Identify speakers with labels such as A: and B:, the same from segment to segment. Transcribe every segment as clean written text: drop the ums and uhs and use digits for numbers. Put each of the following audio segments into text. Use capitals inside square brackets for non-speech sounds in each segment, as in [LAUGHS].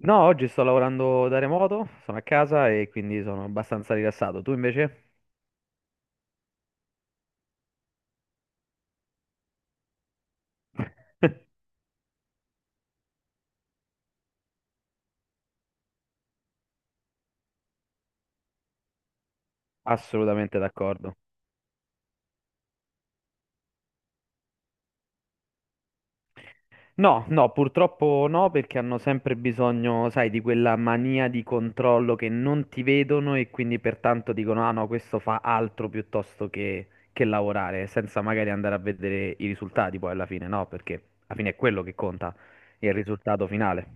A: No, oggi sto lavorando da remoto, sono a casa e quindi sono abbastanza rilassato. Tu invece? Assolutamente d'accordo. No, no, purtroppo no, perché hanno sempre bisogno, sai, di quella mania di controllo che non ti vedono e quindi pertanto dicono, ah no, questo fa altro piuttosto che lavorare, senza magari andare a vedere i risultati poi alla fine, no, perché alla fine è quello che conta, il risultato finale.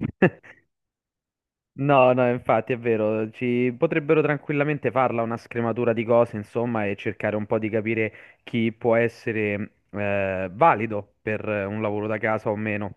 A: [LAUGHS] No, no, infatti è vero, ci potrebbero tranquillamente farla una scrematura di cose, insomma, e cercare un po' di capire chi può essere valido per un lavoro da casa o meno.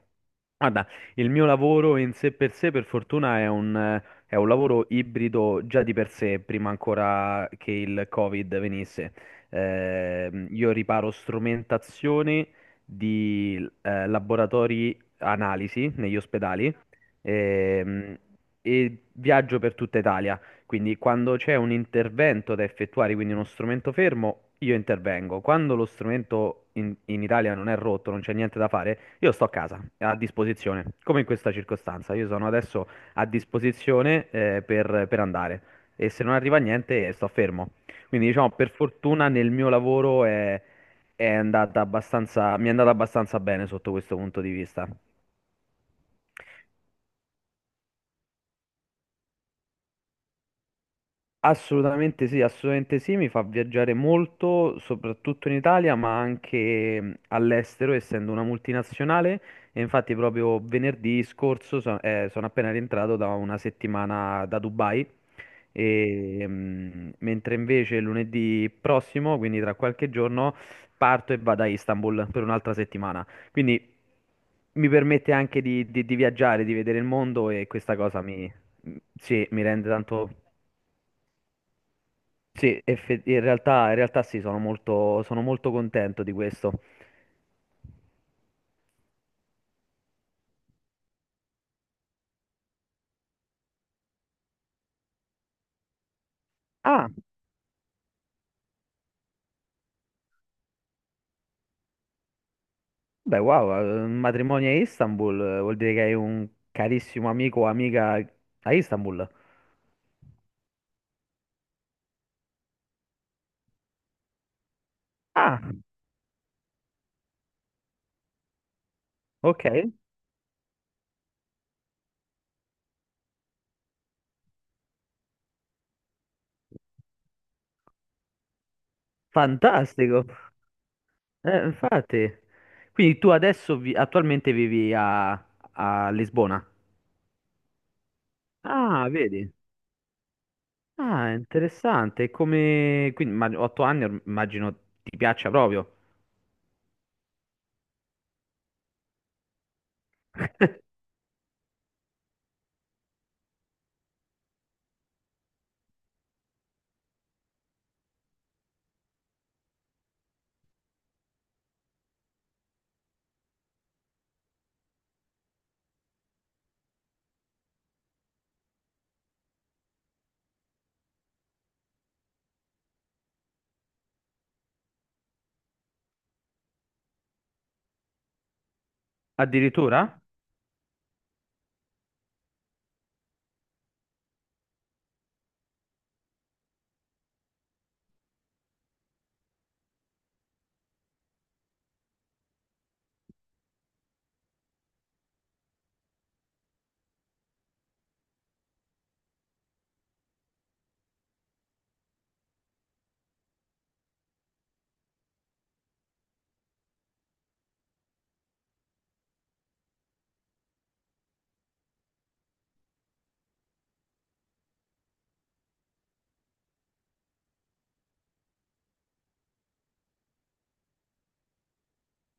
A: Guarda, il mio lavoro in sé, per fortuna, è un lavoro ibrido già di per sé, prima ancora che il Covid venisse. Io riparo strumentazioni di laboratori analisi negli ospedali ehm, e viaggio per tutta Italia. Quindi quando c'è un intervento da effettuare, quindi uno strumento fermo, io intervengo. Quando lo strumento in Italia non è rotto, non c'è niente da fare, io sto a casa, a disposizione, come in questa circostanza. Io sono adesso a disposizione, per andare e se non arriva niente, sto fermo. Quindi diciamo, per fortuna nel mio lavoro mi è andata abbastanza bene sotto questo punto di vista. Assolutamente sì, mi fa viaggiare molto, soprattutto in Italia, ma anche all'estero, essendo una multinazionale. E infatti proprio venerdì scorso sono appena rientrato da una settimana da Dubai, e, mentre invece lunedì prossimo, quindi tra qualche giorno, parto e vado a Istanbul per un'altra settimana. Quindi mi permette anche di viaggiare, di vedere il mondo e questa cosa mi rende tanto. Sì, in realtà sì, sono molto contento di questo. Ah, beh, wow, un matrimonio a Istanbul vuol dire che hai un carissimo amico o amica a Istanbul. Ah, ok, fantastico. Infatti, quindi tu adesso attualmente vivi a Lisbona. Ah, vedi. Ah, interessante. Quindi, ma, 8 anni immagino ti piaccia proprio. Addirittura?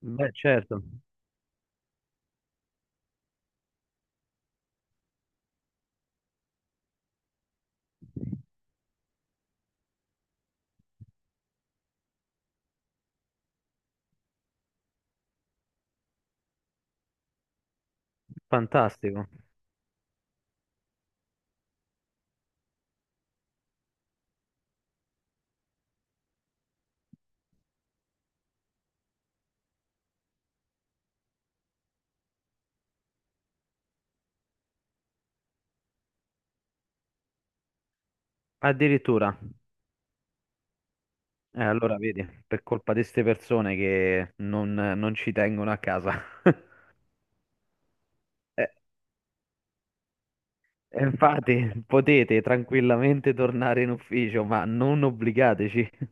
A: Beh, certo. Fantastico. Addirittura. Allora vedi, per colpa di queste persone che non ci tengono a casa. [LAUGHS] Eh, Infatti, potete tranquillamente tornare in ufficio, ma non obbligateci. [LAUGHS]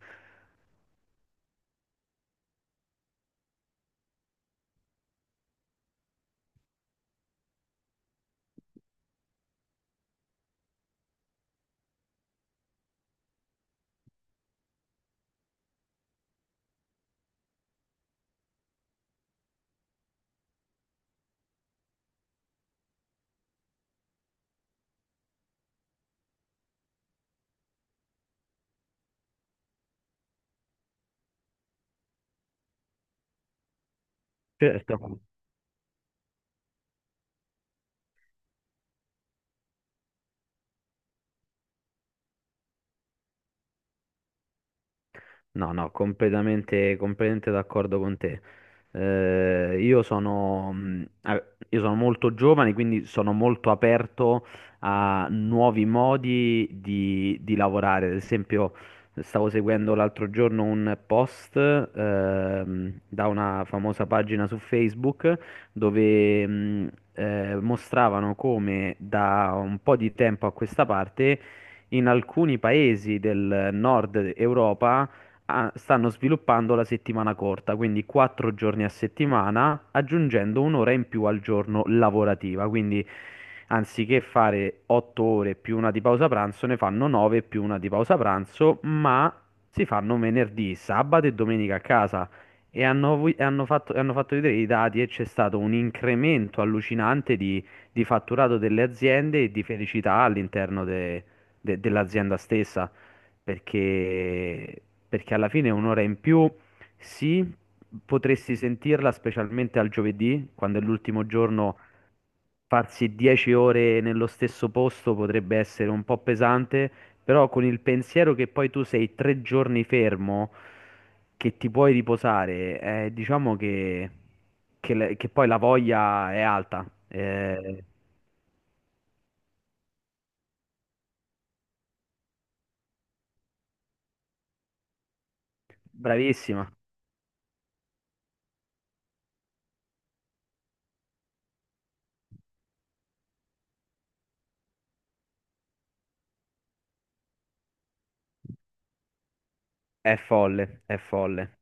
A: Certo. No, no, completamente d'accordo con te. Io sono molto giovane, quindi sono molto aperto a nuovi modi di lavorare. Ad esempio, stavo seguendo l'altro giorno un post, da una famosa pagina su Facebook dove, mostravano come da un po' di tempo a questa parte in alcuni paesi del nord Europa stanno sviluppando la settimana corta, quindi 4 giorni a settimana, aggiungendo un'ora in più al giorno lavorativa. Quindi anziché fare 8 ore più una di pausa pranzo, ne fanno nove più una di pausa pranzo, ma si fanno venerdì, sabato e domenica a casa. Hanno fatto vedere i dati e c'è stato un incremento allucinante di fatturato delle aziende e di felicità all'interno dell'azienda stessa perché, perché, alla fine un'ora in più, sì, potresti sentirla specialmente al giovedì, quando è l'ultimo giorno, farsi 10 ore nello stesso posto potrebbe essere un po' pesante, però con il pensiero che poi tu sei 3 giorni fermo, che ti puoi riposare, diciamo che poi la voglia è alta. Bravissima, è folle, è folle.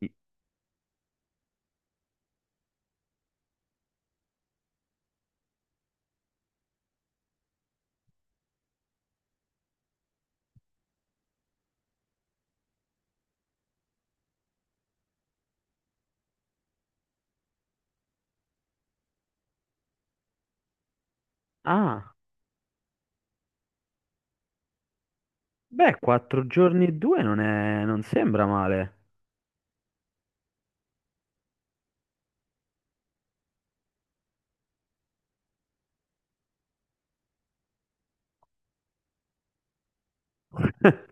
A: Ah. Beh, 4 giorni e due non sembra male. [LAUGHS]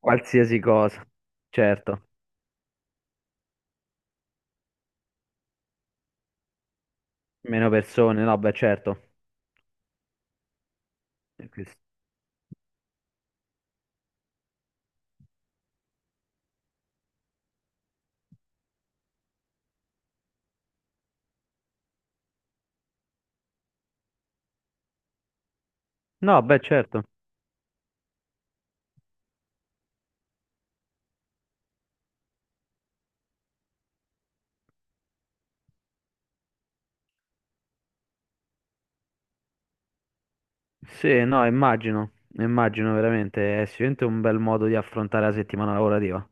A: Qualsiasi cosa. Certo. Meno persone, no, beh, certo. E questo- No, beh, certo. Sì, no, immagino. Immagino veramente. È sicuramente un bel modo di affrontare la settimana lavorativa.